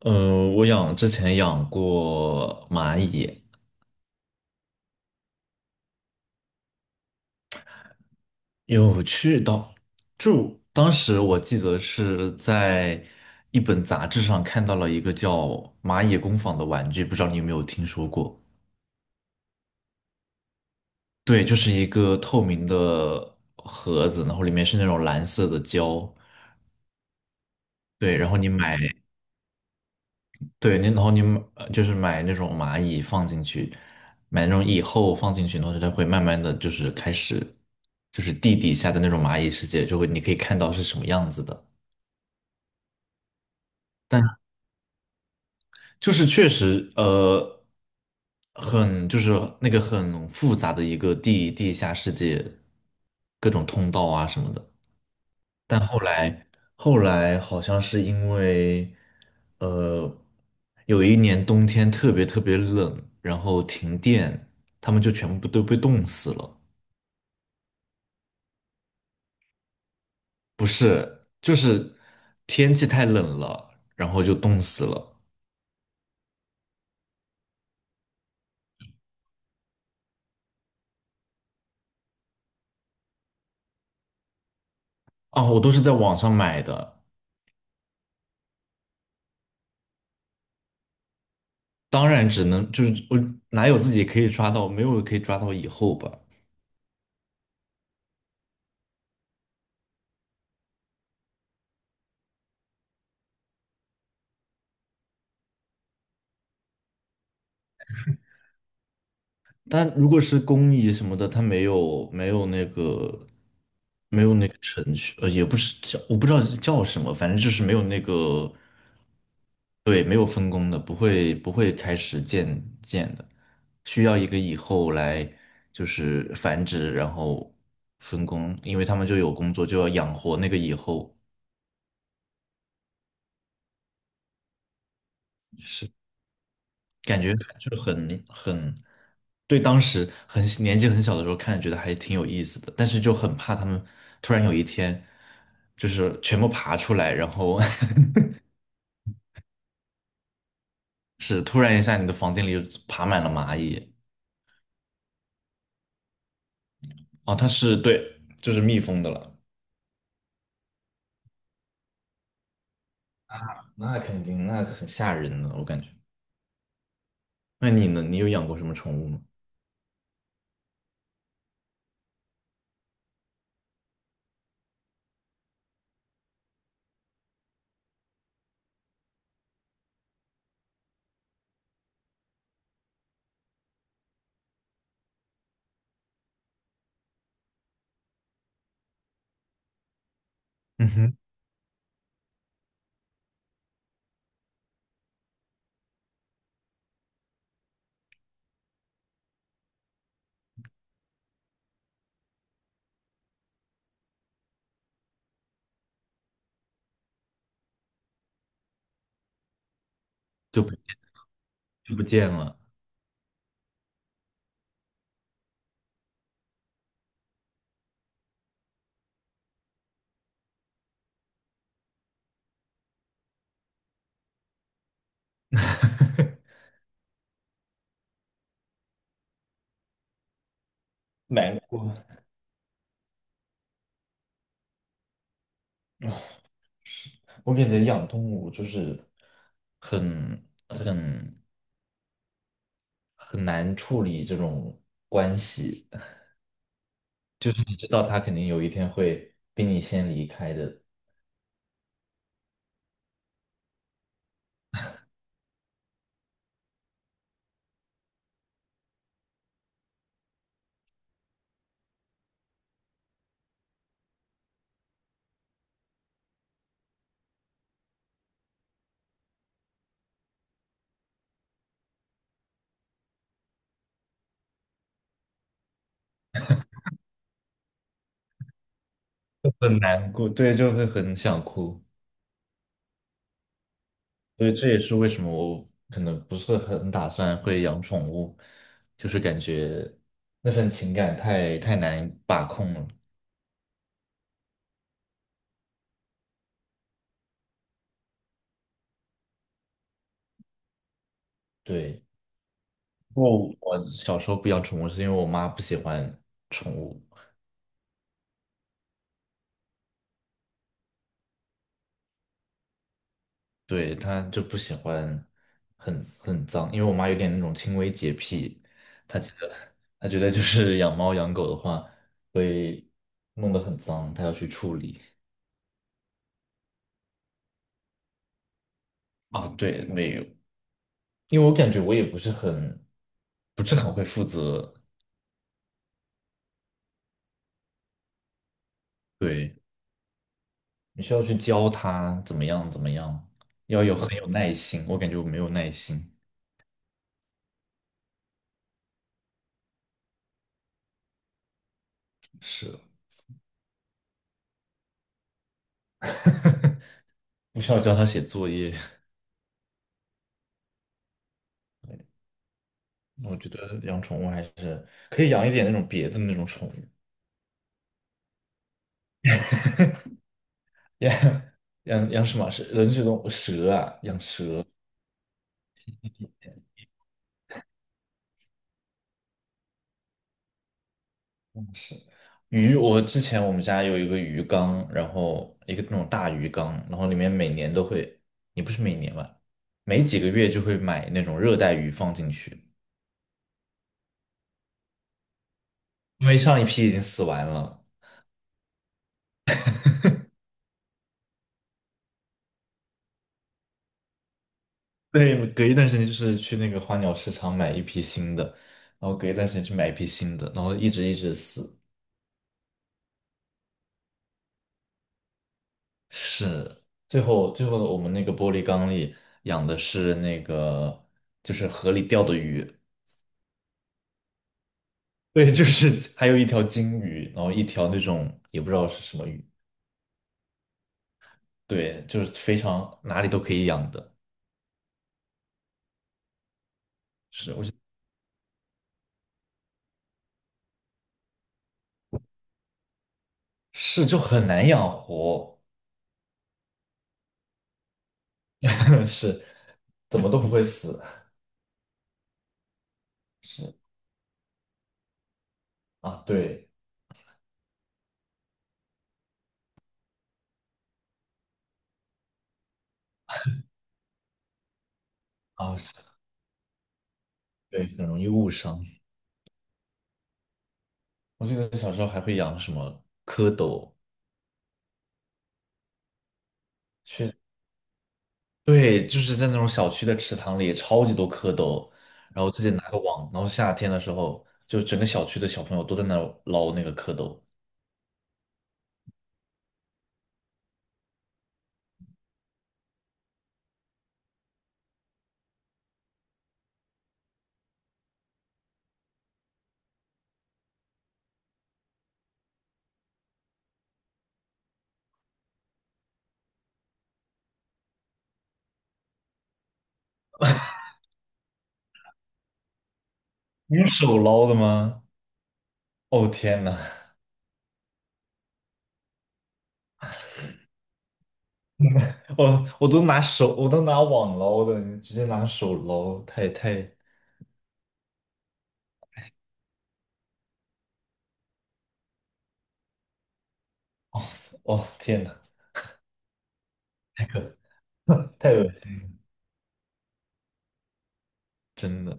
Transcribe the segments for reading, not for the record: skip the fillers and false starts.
我之前养过蚂蚁，有去到，就当时我记得是在一本杂志上看到了一个叫蚂蚁工坊的玩具，不知道你有没有听说过？对，就是一个透明的盒子，然后里面是那种蓝色的胶，对，然后你买。对，然后你就是买那种蚂蚁放进去，买那种蚁后放进去，然后它会慢慢的就是开始，就是地底下的那种蚂蚁世界，就会你可以看到是什么样子的。但就是确实，就是那个很复杂的一个地下世界，各种通道啊什么的。但后来好像是因为，呃，有一年冬天特别特别冷，然后停电，他们就全部都被冻死了。不是，就是天气太冷了，然后就冻死了。啊，我都是在网上买的，当然只能就是我哪有自己可以抓到，没有可以抓到以后吧。但如果是工蚁什么的，它没有那个程序，也不是叫我不知道叫什么，反正就是没有那个。对，没有分工的，不会开始建的，需要一个蚁后来就是繁殖，然后分工，因为他们就有工作，就要养活那个蚁后，感觉就很。对，当时年纪很小的时候看，觉得还挺有意思的，但是就很怕他们突然有一天就是全部爬出来，然后 是突然一下你的房间里就爬满了蚂蚁。哦，它是对，就是蜜蜂的了。那肯定，那很吓人呢，我感觉。那你呢？你有养过什么宠物吗？嗯哼，就不就不见了。难过，我感觉养动物就是很很很难处理这种关系。知道他肯定有一天会比你先离开的，很难过，对，就会很想哭。所以这也是为什么我可能不是很打算会养宠物，就是感觉那份情感太难把控了。对，不过我小时候不养宠物是因为我妈不喜欢宠物。对，她就不喜欢很脏，因为我妈有点那种轻微洁癖，她觉得她觉得就是养猫养狗的话会弄得很脏，她要去处理。啊，对，没有，因为我感觉我也不是很会负责，对，你需要去教她怎么样怎么样，要有很有耐心，我感觉我没有耐心，是。不需要教它写作业。我觉得养宠物还是可以养一点那种别的那种宠物，养养什么？是人是动物蛇啊，养蛇。嗯，是鱼，我之前我们家有一个鱼缸，然后一个那种大鱼缸，然后里面每年都会，也不是每年吧，每几个月就会买那种热带鱼放进去，因为上一批已经死完了。对，隔一段时间就是去那个花鸟市场买一批新的，然后隔一段时间去买一批新的，然后一直一直死。是，最后我们那个玻璃缸里养的是那个，就是河里钓的鱼，对，就是还有一条金鱼，然后一条那种也不知道是什么鱼，对，就是非常哪里都可以养的，是，就很难养活，是，怎么都不会死，是啊，对啊，是，对，很容易误伤。我记得小时候还会养什么蝌蚪，去。对，就是在那种小区的池塘里，超级多蝌蚪，然后自己拿个网，然后夏天的时候，就整个小区的小朋友都在那儿捞那个蝌蚪。你用手捞的吗？哦天呐，我都拿手，我都拿网捞的，你直接拿手捞，太，哦天呐，太可，太恶心了，真的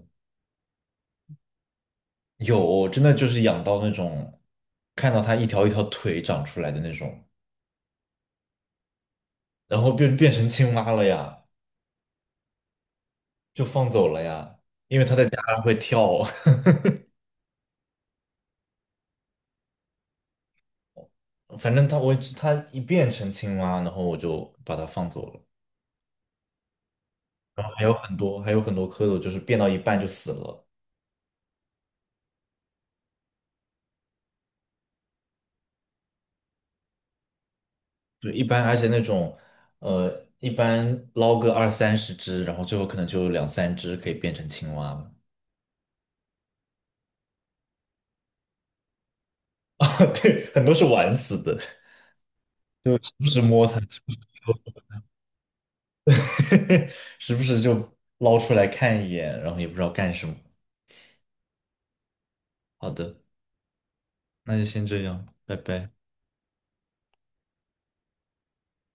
有，真的就是养到那种，看到它一条一条腿长出来的那种，然后变成青蛙了呀，就放走了呀，它还会跳。反正它一变成青蛙，然后我就把它放走了。然后还有很多蝌蚪，就是变到一半就死了。就一般，而且那种呃，一般捞个二三十只，然后最后可能就有两三只可以变成青蛙了。啊，对，很多是玩死的，就时不时摸它，时不时就捞出来看一眼，然后也不知道干什么。好的，那就先这样，拜拜。